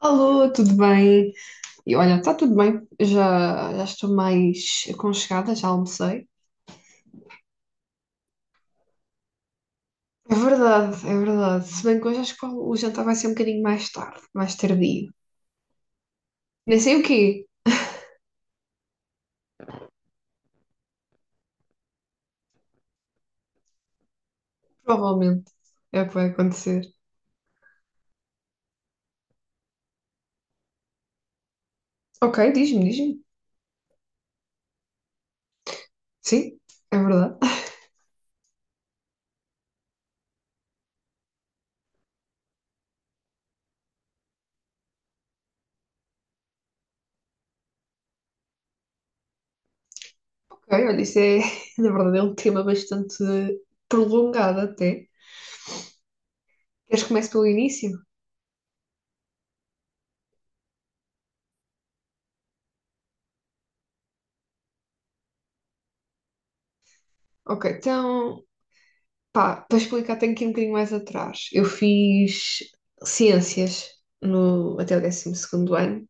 Alô, tudo bem? E olha, está tudo bem, já estou mais aconchegada, já almocei. É verdade, é verdade. Se bem que hoje acho que o jantar vai ser um bocadinho mais tarde, mais tardio. Nem sei o quê, provavelmente é o que vai acontecer. Ok, diz-me. Sim, é verdade. Ok, olha, isso é, na verdade, é um tema bastante prolongado até. Queres que comece pelo início? Ok, então. Pá, para explicar, tenho que ir um bocadinho mais atrás. Eu fiz ciências no, até o décimo segundo ano,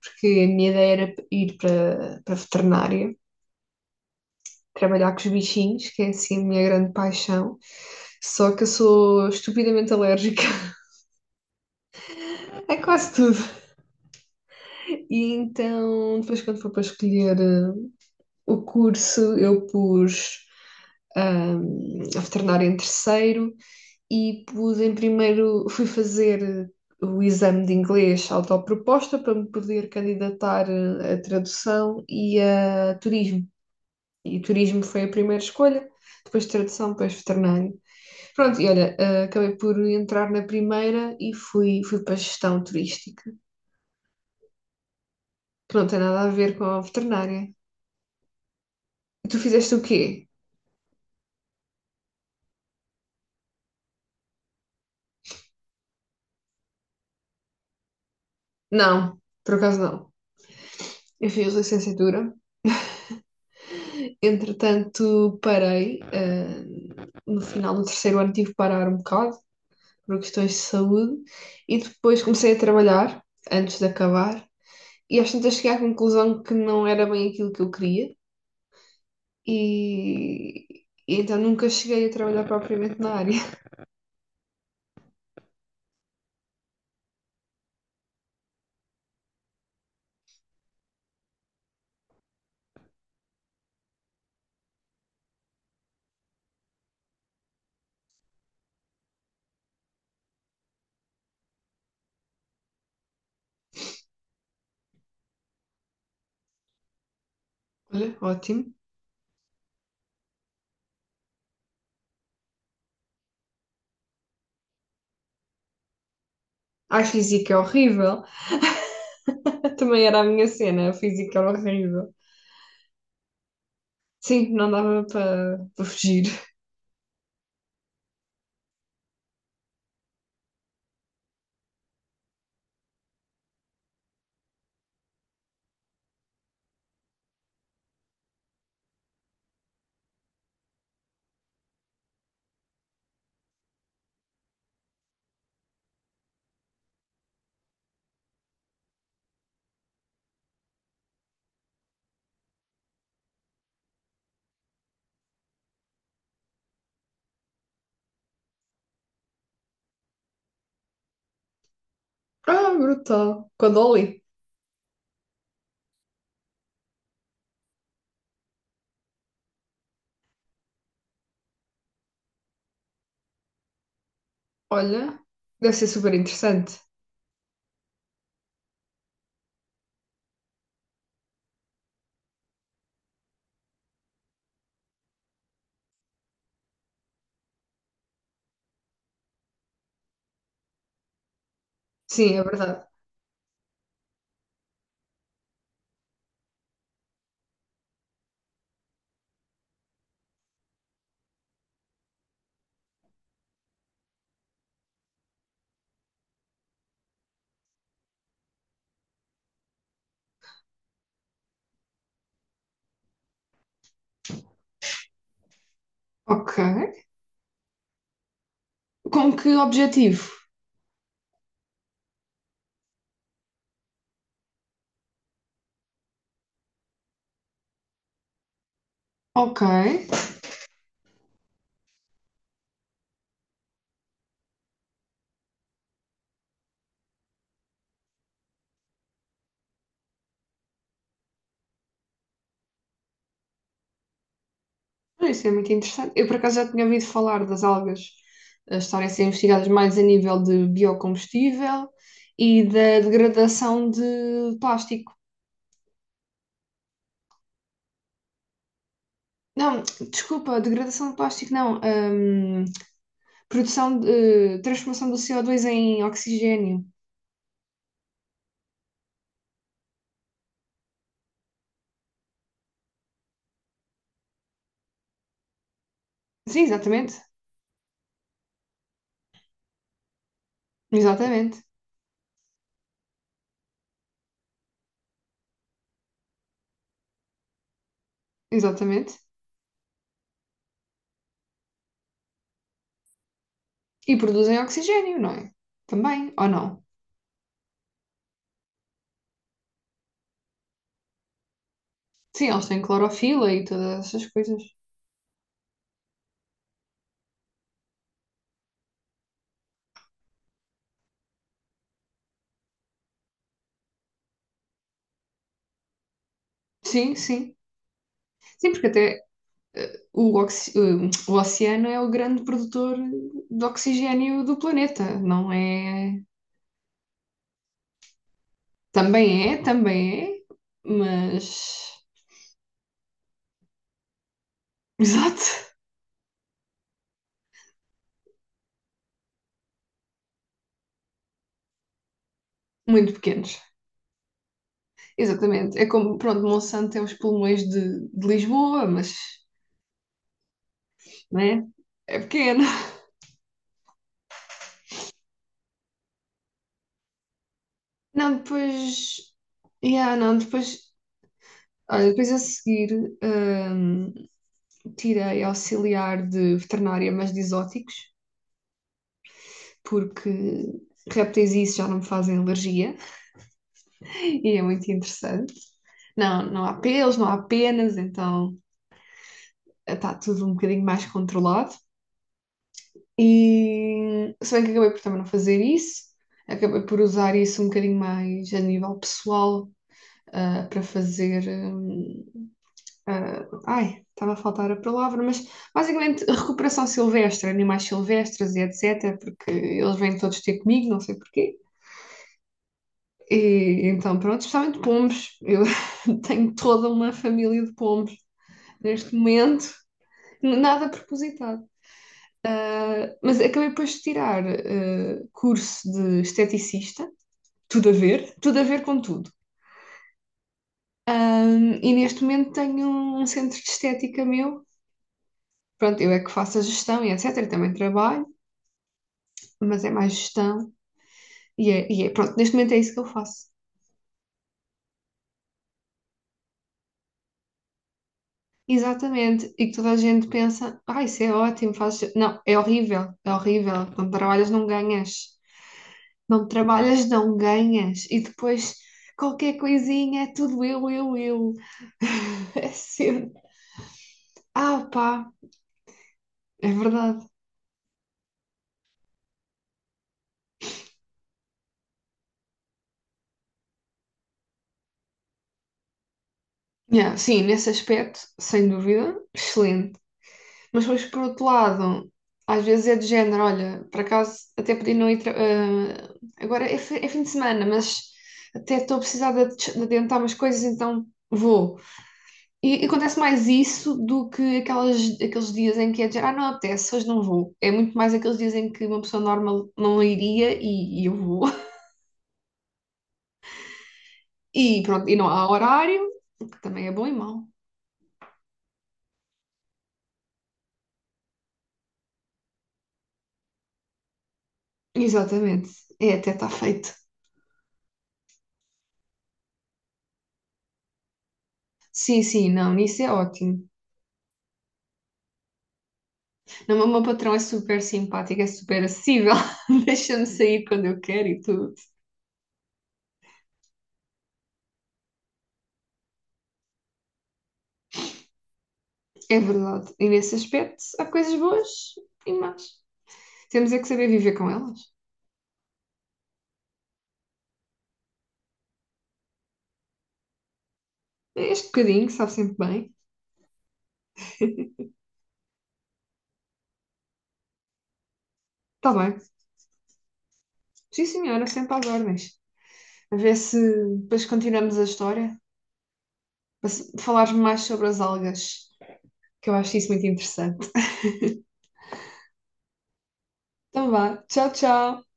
porque a minha ideia era ir para veterinária, trabalhar com os bichinhos, que é assim a minha grande paixão. Só que eu sou estupidamente alérgica a quase tudo. E então, depois, quando foi para escolher o curso, eu pus ah, a veterinária em terceiro e pus em primeiro, fui fazer o exame de inglês autoproposta para me poder candidatar a tradução e a turismo. E turismo foi a primeira escolha, depois tradução, depois veterinário. Pronto, e olha, acabei por entrar na primeira e fui para a gestão turística, que não tem nada a ver com a veterinária. E tu fizeste o quê? Não, por acaso não. Eu fiz licenciatura. Entretanto, parei. No final do terceiro ano tive que parar um bocado por questões de saúde e depois comecei a trabalhar antes de acabar e às tantas cheguei à conclusão que não era bem aquilo que eu queria e, e então nunca cheguei a trabalhar propriamente na área. Olha, ótimo. A física é horrível. Também era a minha cena, a física era horrível. Sim, não dava para fugir. Ah, brutal. Com a Dolly. Olha, deve ser super interessante. Sim, é verdade. Ok. Com que objetivo? Ok. Isso é muito interessante. Eu, por acaso, já tinha ouvido falar das algas estarem a ser investigadas mais a nível de biocombustível e da degradação de plástico. Não, desculpa, degradação de plástico, não. Produção de, transformação do co dois em oxigênio. Sim, exatamente. Exatamente. Exatamente. E produzem oxigênio, não é? Também, ou não? Sim, eles têm clorofila e todas essas coisas. Sim, sim. Sim, porque até o oceano é o grande produtor de oxigênio do planeta, não é? Também é, também é, mas. Exato, muito pequenos. Exatamente. É como, pronto, Monsanto tem os pulmões de Lisboa, mas, né? É pequeno. Não, depois. Yeah, não, depois. Olha, depois a seguir. Tirei auxiliar de veterinária, mas de exóticos, porque répteis e isso já não me fazem alergia e é muito interessante. Não, não há pelos, não há penas, então está tudo um bocadinho mais controlado. E se bem que acabei por também não fazer isso, acabei por usar isso um bocadinho mais a nível pessoal, para fazer, hum, estava a faltar a palavra, mas basicamente recuperação silvestre, animais silvestres e etc., porque eles vêm todos ter comigo, não sei porquê. E então, pronto, especialmente pombos. Eu tenho toda uma família de pombos neste momento, nada propositado. Mas acabei depois de tirar curso de esteticista, tudo a ver com tudo. Ah, e neste momento tenho um centro de estética meu. Pronto, eu é que faço a gestão e etc. também trabalho. Mas é mais gestão e é, pronto, neste momento é isso que eu faço. Exatamente, e que toda a gente pensa, ah, isso é ótimo, fazes... Não, é horrível, não trabalhas, não ganhas. Não trabalhas, não ganhas. E depois qualquer coisinha é tudo eu. É sempre. Ah, pá, é verdade. Yeah, sim, nesse aspecto, sem dúvida, excelente. Mas depois, por outro lado, às vezes é de género, olha, por acaso até podia não ir. Agora é, é fim de semana, mas até estou a precisar de, de adiantar umas coisas, então vou. E acontece mais isso do que aquelas, aqueles dias em que é de género, ah, não apetece, hoje não vou. É muito mais aqueles dias em que uma pessoa normal não iria e eu vou. E pronto, e não há horário, o que também é bom e mau. Exatamente, é até está feito. Sim, sim, não, isso é ótimo. Não, mas o meu patrão é super simpático, é super acessível, deixa-me sair quando eu quero e tudo. É verdade. E nesse aspecto, há coisas boas e más. Temos é que saber viver com elas. Este bocadinho sabe sempre bem. Está bem. Sim, senhora, sempre às ordens. A ver se depois continuamos a história, para falares mais sobre as algas, que eu acho isso muito interessante. Então vá. Tchau, tchau.